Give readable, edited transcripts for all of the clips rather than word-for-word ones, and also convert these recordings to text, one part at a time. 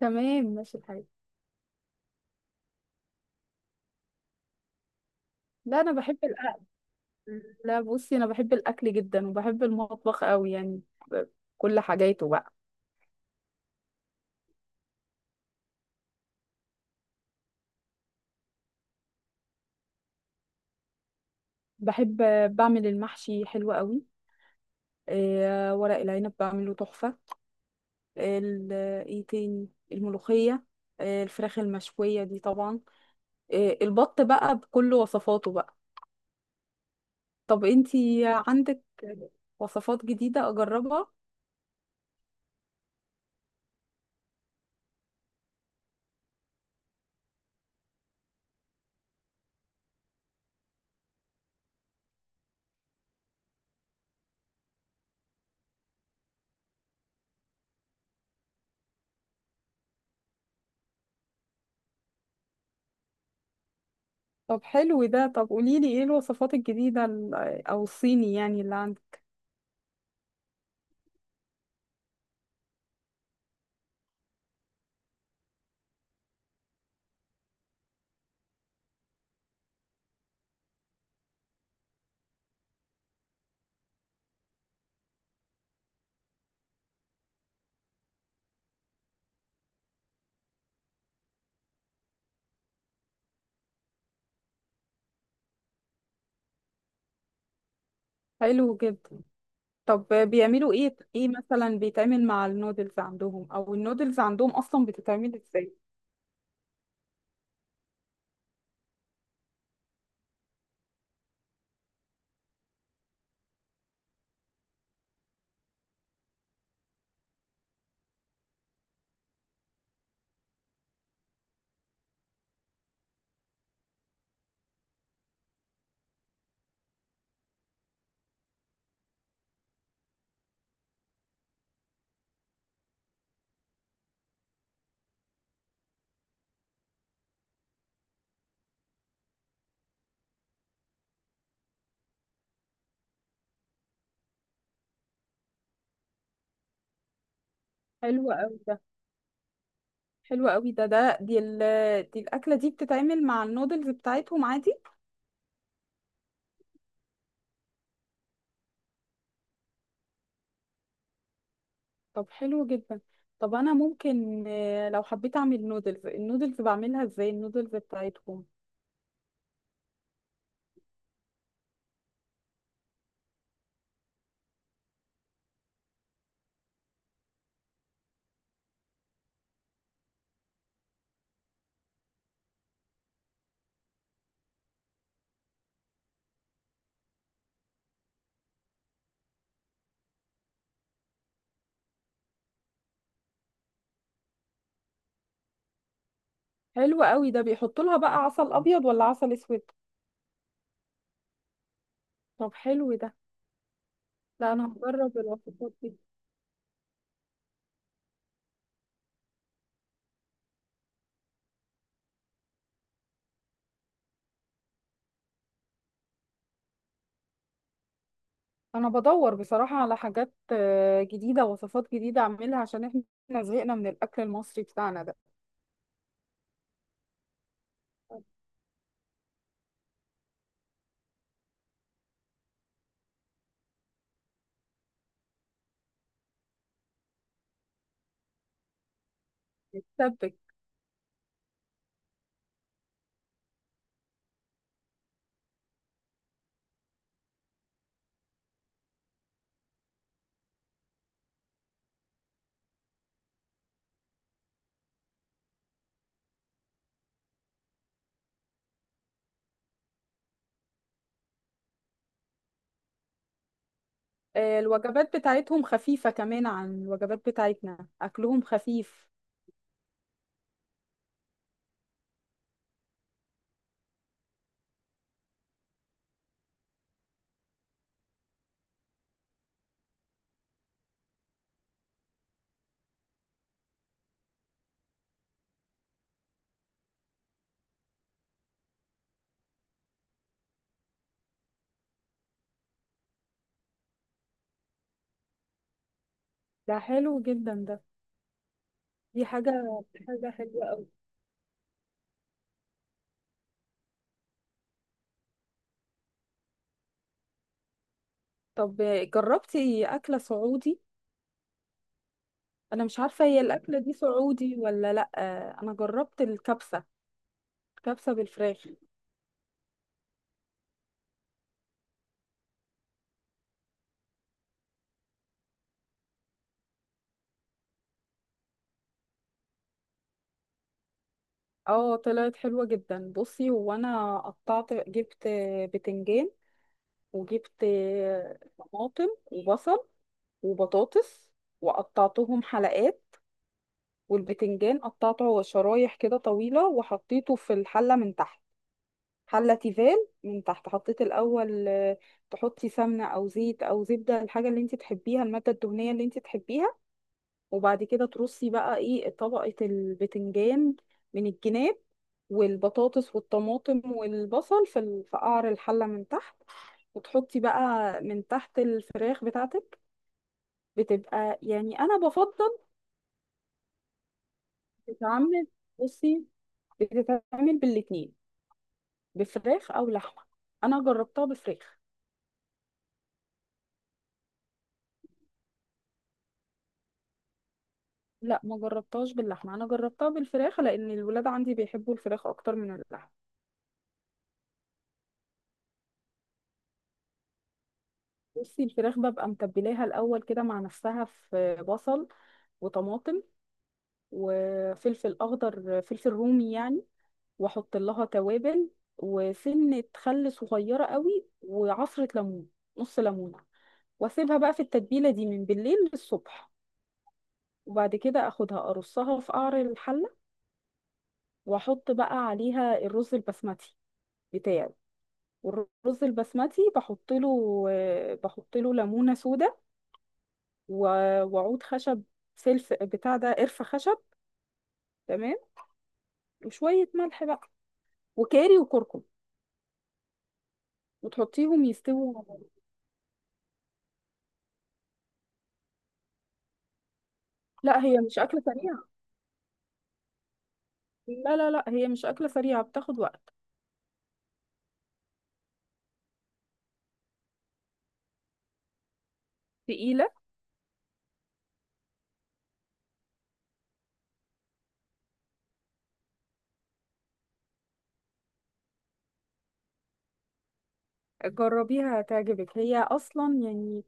تمام، ماشي الحال. لا، انا بحب الاكل. لا، بصي، انا بحب الاكل جدا وبحب المطبخ قوي يعني. ب- كل حاجاته بقى. بحب بعمل المحشي حلو قوي. آه، ورق العنب بعمله تحفة. ال- ايه تاني؟ الملوخية، آه الفراخ المشوية دي طبعا، آه البط بقى بكل وصفاته بقى. طب انتي عندك وصفات جديدة اجربها؟ طب حلو ده. طب قوليلي ايه الوصفات الجديدة او الصيني يعني اللي عندك؟ حلو جدا. طب بيعملوا ايه؟ ايه مثلا بيتعمل مع النودلز عندهم؟ او النودلز عندهم اصلا بتتعمل ازاي؟ حلو قوي ده. حلو قوي ده ده دي ال دي الاكله دي بتتعمل مع النودلز بتاعتهم عادي؟ طب حلو جدا. طب انا ممكن، لو حبيت اعمل النودلز بعملها ازاي؟ النودلز بتاعتهم؟ حلو قوي ده. بيحطوا لها بقى عسل ابيض ولا عسل اسود؟ طب حلو ده. لا، انا هجرب الوصفات دي. انا بدور بصراحة على حاجات جديدة، وصفات جديدة اعملها عشان احنا زهقنا من الاكل المصري بتاعنا ده. متسبك. الوجبات بتاعتهم خفيفة كمان عن الوجبات بتاعتنا، اكلهم خفيف. ده حلو جدا ده. دي حاجة حلوة قوي. طب جربتي اكلة سعودي؟ انا مش عارفة هي الاكلة دي سعودي ولا لا. انا جربت الكبسة. كبسة بالفراخ. اه، طلعت حلوة جدا. بصي هو، انا قطعت، جبت بتنجان، وجبت طماطم وبصل وبطاطس، وقطعتهم حلقات. والبتنجان قطعته شرايح كده طويلة وحطيته في الحلة من تحت. حلة تيفال، من تحت حطيت الأول تحطي سمنة أو زيت أو زبدة، الحاجة اللي انت تحبيها، المادة الدهنية اللي انت تحبيها. وبعد كده ترصي بقى ايه، طبقة البتنجان من الجناب، والبطاطس والطماطم والبصل في قعر الحلة من تحت. وتحطي بقى من تحت الفراخ بتاعتك. بتبقى يعني، انا بفضل. تتعمل. بصي، بتتعمل بالاتنين، بفراخ او لحمه. انا جربتها بفراخ. لا، ما جربتهاش باللحمه. انا جربتها بالفراخ لان الولاد عندي بيحبوا الفراخ اكتر من اللحمه. بصي الفراخ ببقى متبلاها الاول كده مع نفسها في بصل وطماطم وفلفل اخضر، فلفل رومي يعني، واحط لها توابل، وسنه خل صغيره قوي، وعصره ليمون، نص ليمونه. واسيبها بقى في التتبيله دي من بالليل للصبح. وبعد كده اخدها، ارصها في قعر الحله، واحط بقى عليها الرز البسمتي بتاعي. والرز البسمتي بحط له ليمونه سودا، وعود خشب، سلف بتاع ده، قرفه خشب، تمام، وشويه ملح بقى، وكاري وكركم، وتحطيهم يستووا. لا، هي مش اكله سريعه. لا، لا، لا، هي مش اكله سريعه، بتاخد وقت. تقيله. جربيها هتعجبك. هي اصلا يعني،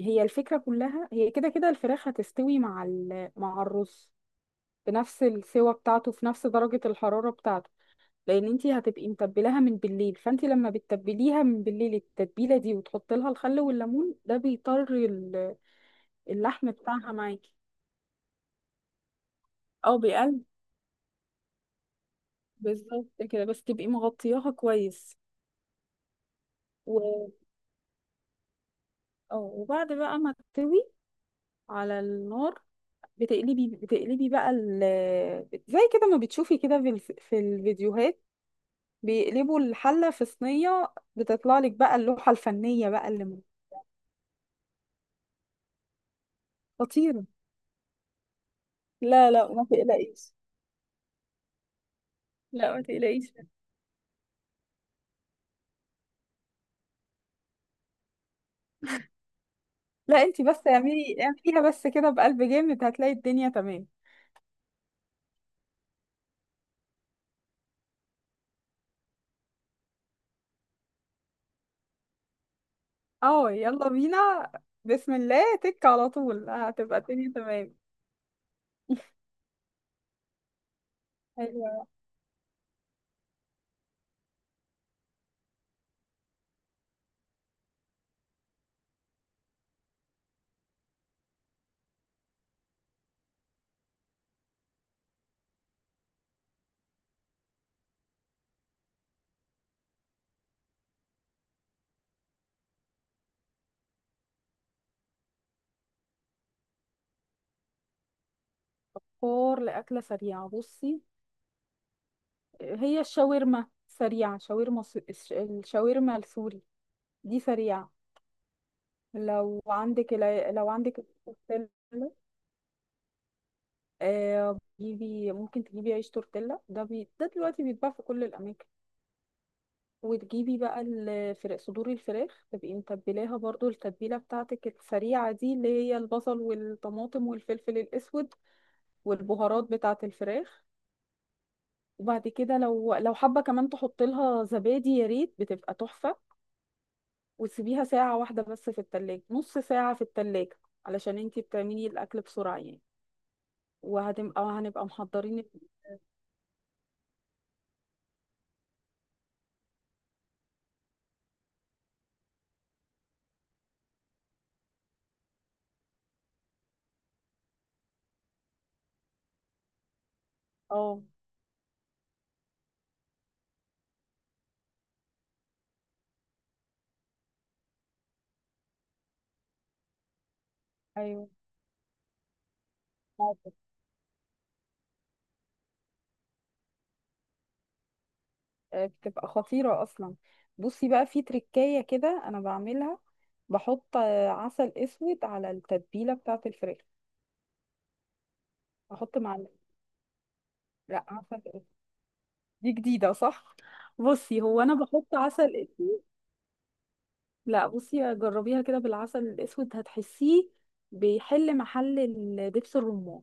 هي الفكرة كلها، هي كده كده، الفراخ هتستوي مع الرز بنفس السوى بتاعته، في نفس درجة الحرارة بتاعته، لأن انتي هتبقي متبلاها من بالليل. فانتي لما بتتبليها من بالليل التتبيلة دي وتحطي لها الخل والليمون، ده اللحم بتاعها معاكي، او بيقل. بالظبط كده، بس تبقي مغطياها كويس، و. اه، وبعد بقى ما تستوي على النار، بتقلبي بقى زي كده ما بتشوفي كده في الفيديوهات، بيقلبوا الحلة في صينية، بتطلع لك بقى اللوحة الفنية بقى خطيرة. لا، لا، ما تقلقيش. لا، ما تقلقيش. لا، انتي بس اعملي، اعمليها بس كده، بقلب جامد هتلاقي الدنيا تمام. اه، يلا بينا. بسم الله، تك على طول هتبقى الدنيا تمام. حلوة. فطار لأكلة سريعة، بصي هي الشاورما سريعة. الشاورما السوري دي سريعة. لو عندك لو عندك، تجيبي، ممكن تجيبي عيش تورتيلا، ده دلوقتي بيتباع في كل الاماكن. وتجيبي بقى الفراخ، صدور الفراخ تبقي متبلاها برضو التتبيله بتاعتك السريعه دي اللي هي البصل والطماطم والفلفل الاسود والبهارات بتاعه الفراخ. وبعد كده لو حابه كمان تحط لها زبادي، يا ريت، بتبقى تحفه. وتسيبيها ساعه واحده بس في التلاجة، نص ساعه في التلاجة علشان انتي بتعملي الاكل بسرعه يعني، هنبقى محضرين. اه، ايوه، بتبقى خطيرة أصلا. بصي بقى، في تركاية كده أنا بعملها، بحط عسل أسود على التتبيلة بتاعة الفراخ. أحط معلقة. لا، عسل أسود. دي جديدة، صح؟ بصي هو أنا بحط عسل أسود. لا، بصي جربيها كده بالعسل الأسود، هتحسيه بيحل محل دبس الرمان،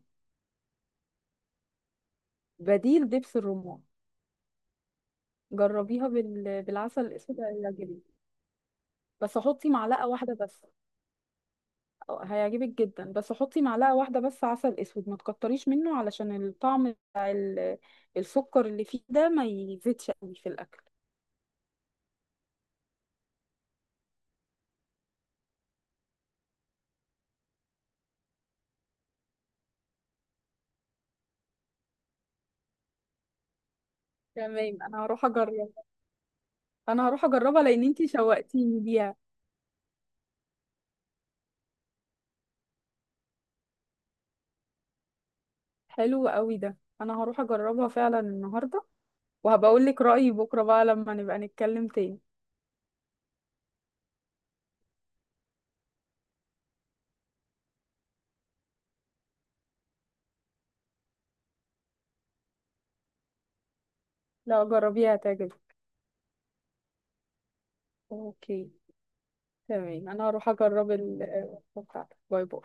بديل دبس الرمان. جربيها بالعسل الأسود هيعجبك. بس حطي معلقة واحدة بس. هيعجبك جدا. بس حطي معلقة واحدة بس عسل اسود ما تكتريش منه علشان الطعم بتاع السكر اللي فيه ده ما يزيدش قوي في الاكل. تمام، انا هروح اجربها. انا هروح اجربها لان انتي شوقتيني ليها. حلو قوي ده. انا هروح اجربها فعلا النهارده، وهبقى اقول لك رأيي بكره بقى لما نبقى نتكلم تاني. لو جربيها هتعجبك. اوكي، تمام. انا هروح اجرب بتاعتك. باي باي.